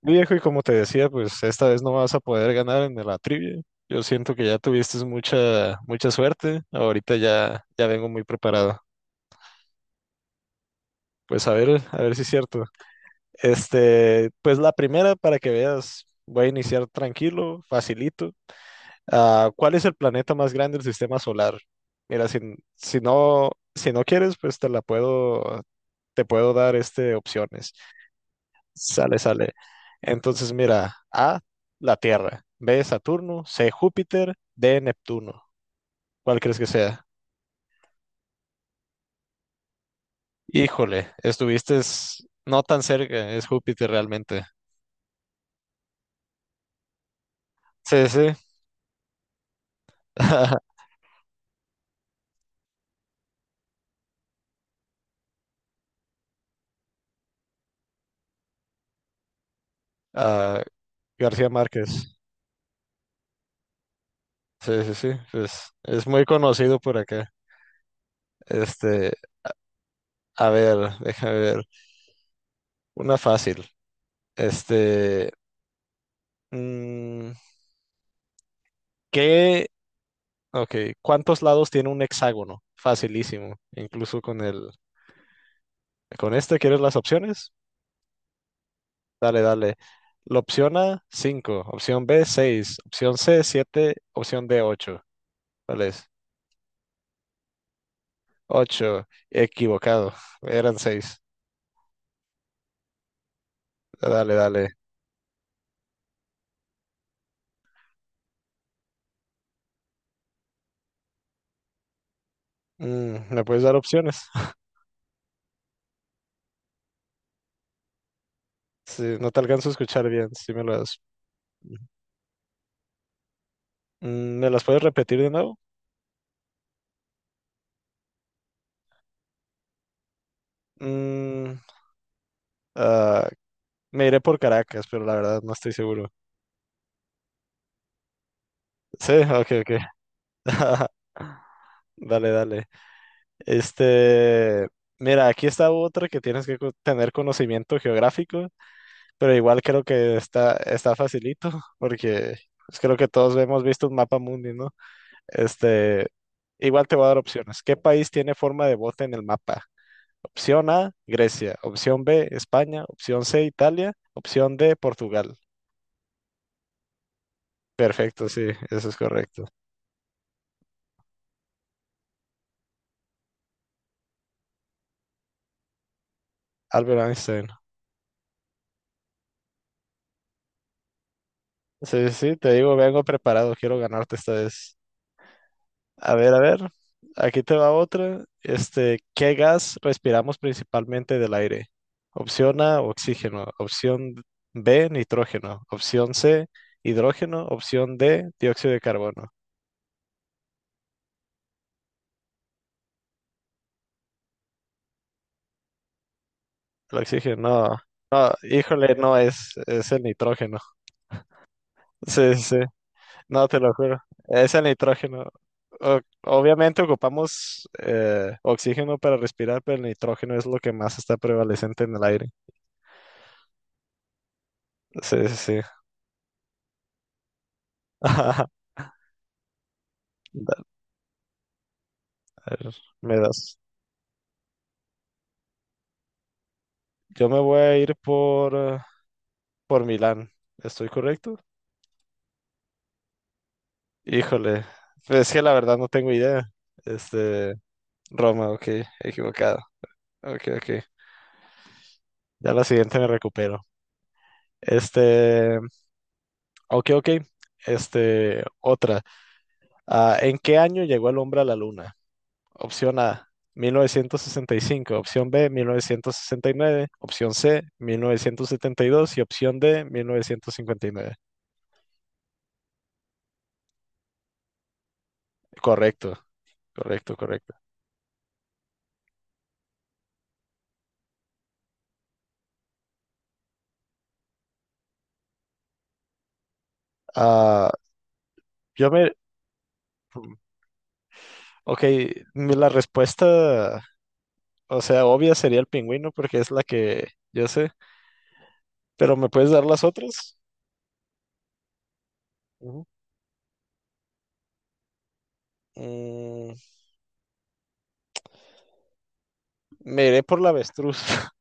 Mi Viejo, y como te decía, pues esta vez no vas a poder ganar en la trivia. Yo siento que ya tuviste mucha, mucha suerte. Ahorita ya, ya vengo muy preparado. Pues a ver si es cierto. Este, pues la primera, para que veas, voy a iniciar tranquilo, facilito. Ah, ¿cuál es el planeta más grande del sistema solar? Mira, si no, si no quieres, pues te puedo dar este opciones. Sale, sale. Entonces, mira, A, la Tierra, B, Saturno, C, Júpiter, D, Neptuno. ¿Cuál crees que sea? Híjole, estuviste no tan cerca, es Júpiter realmente. Sí, sí. Ah, García Márquez. Sí, sí, sí, pues es muy conocido por acá. Este, a ver, déjame ver. Una fácil. Este, mm, ¿qué? Ok, ¿cuántos lados tiene un hexágono? Facilísimo, incluso con este, ¿quieres las opciones? Dale, dale. La opción A, 5. Opción B, 6. Opción C, 7. Opción D, 8. ¿Cuál es? 8. Equivocado. Eran 6. Dale, dale. ¿Me puedes dar opciones? Sí, no te alcanzo a escuchar bien. Si me las... ¿Me las puedes repetir de nuevo? Mm, ah, Me iré por Caracas, pero la verdad no estoy seguro. Sí, ok, ok. Dale, dale. Este, mira, aquí está otra que tienes que tener conocimiento geográfico, pero igual creo que está facilito, porque pues, creo que todos hemos visto un mapa mundi, ¿no? Este, igual te voy a dar opciones. ¿Qué país tiene forma de bote en el mapa? Opción A, Grecia. Opción B, España. Opción C, Italia. Opción D, Portugal. Perfecto, sí, eso es correcto. Albert Einstein. Sí, sí, sí, te digo, vengo preparado, quiero ganarte esta vez. A ver, aquí te va otra. Este, ¿qué gas respiramos principalmente del aire? Opción A, oxígeno. Opción B, nitrógeno. Opción C, hidrógeno. Opción D, dióxido de carbono. El oxígeno, no, no, híjole, no es el nitrógeno. Sí, sí, sí, no, te lo juro. Es el nitrógeno. Obviamente ocupamos oxígeno para respirar, pero el nitrógeno es lo que más está prevalecente en el aire. Sí, sí, sí. Dale, a ver, me das. Yo me voy a ir por Milán. ¿Estoy correcto? Híjole. Pues es que la verdad no tengo idea. Este, Roma, ok, equivocado. Ok, ok. Ya la siguiente me recupero. Este, ok, ok. Este, otra. Ah, ¿en qué año llegó el hombre a la luna? Opción A, 1965. Opción B, 1969. Opción C, 1972. Y dos. Y opción D, 1959. Correcto, correcto, correcto. Ah, yo me, ok, la respuesta, o sea, obvia sería el pingüino porque es la que yo sé, pero ¿me puedes dar las otras? Ujú. Mm, Me iré por la avestruz.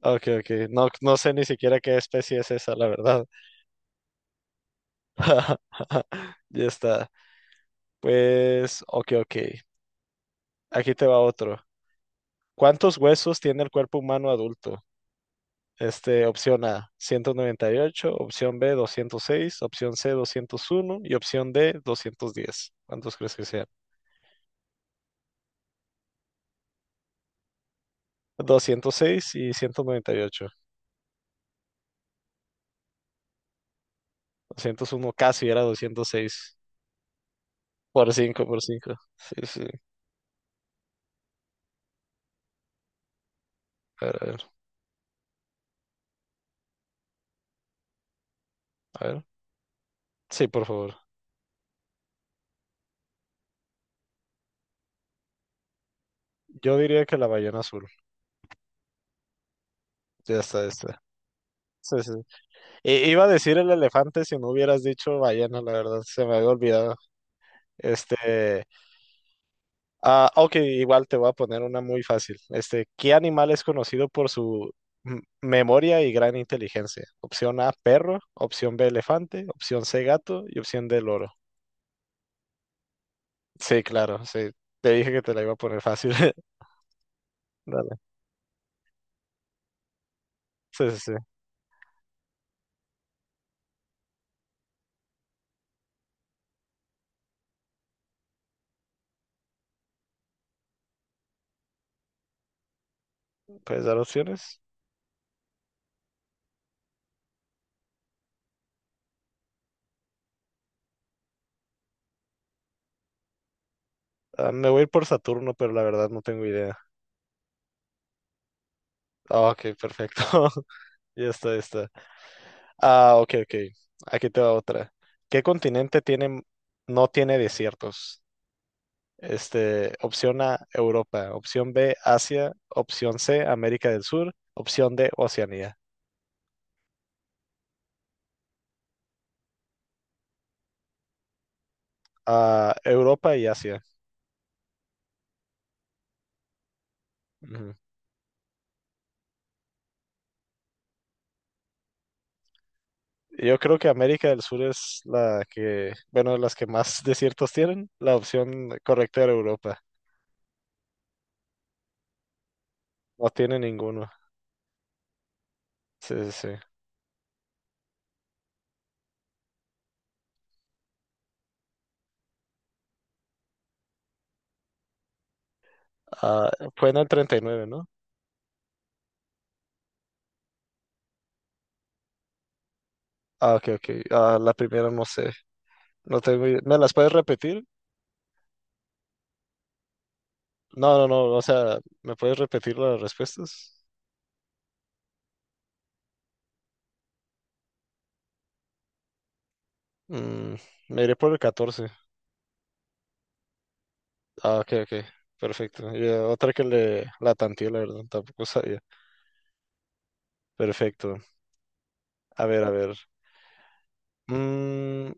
Ok, ok, no, no sé ni siquiera qué especie es esa, la verdad. Ya está. Pues, ok, ok, aquí te va otro. ¿Cuántos huesos tiene el cuerpo humano adulto? Este, opción A, 198. Opción B, 206. Opción C, 201. Y opción D, 210. ¿Cuántos crees que sean? 206 y 198. 201. Casi era 206. Por cinco, por cinco. Sí, sí. A ver, a ver, a ver. Sí, por favor. Yo diría que la ballena azul. Ya está, esta. Sí, sí. Iba a decir el elefante si no hubieras dicho ballena, la verdad. Se me había olvidado. Este, ah, ok, igual te voy a poner una muy fácil. Este, ¿qué animal es conocido por su memoria y gran inteligencia? Opción A, perro. Opción B, elefante. Opción C, gato. Y opción D, loro. Sí, claro, sí. Te dije que te la iba a poner fácil. Dale. Sí, sí, sí. ¿Puedes dar opciones? Ah, me voy a ir por Saturno, pero la verdad no tengo idea. Ah, ok, perfecto. Ya está, ya está. Ah, ok, ok. Aquí te va otra. ¿Qué continente tiene, no tiene desiertos? Este, opción A, Europa. Opción B, Asia. Opción C, América del Sur. Opción D, Oceanía. Ah, Europa y Asia. Ujú. Yo creo que América del Sur es la que, bueno, las que más desiertos tienen. La opción correcta era Europa. No tiene ninguno. Sí, sí, sí. Ah, fue en el 39, ¿no? Ah, ok, ok. Ah, la primera no sé. No tengo idea. ¿Me las puedes repetir? No, no, no. O sea, ¿me puedes repetir las respuestas? Mm, me iré por el 14. Ah, ok, ok. Perfecto. Ya, otra que le la tanteé, la verdad, tampoco sabía. Perfecto. A ver, a ver. Mm,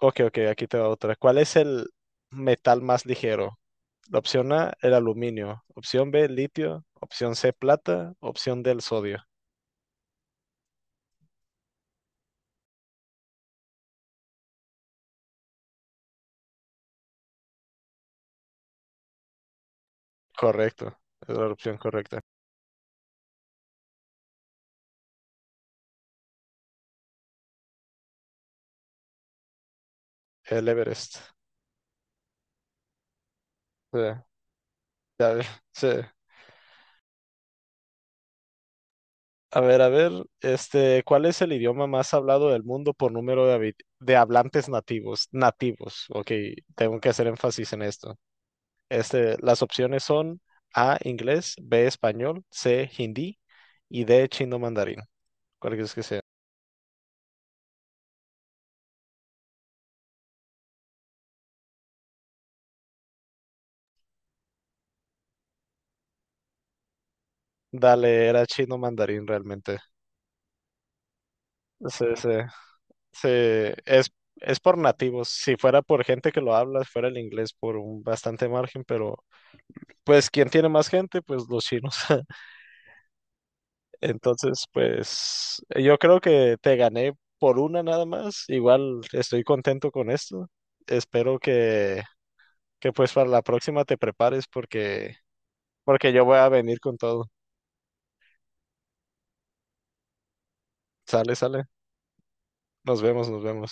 ok, ok, aquí te va otra. ¿Cuál es el metal más ligero? La opción A, el aluminio. Opción B, litio. Opción C, plata. Opción D, el sodio. Correcto. Es la opción correcta. El Everest. Sí, ya ves, sí. A ver, este, ¿cuál es el idioma más hablado del mundo por número de hablantes nativos? Nativos, ok, tengo que hacer énfasis en esto. Este, las opciones son A, inglés, B, español, C, hindi y D, chino mandarín. ¿Cuál es que sea? Dale, era chino mandarín realmente. Sí, sí, sí, es, es por nativos. Si fuera por gente que lo habla, fuera el inglés por un bastante margen, pero pues quien tiene más gente, pues los chinos. Entonces, pues yo creo que te gané por una nada más. Igual estoy contento con esto. Espero que pues para la próxima te prepares, porque yo voy a venir con todo. Sale, sale. Nos vemos, nos vemos.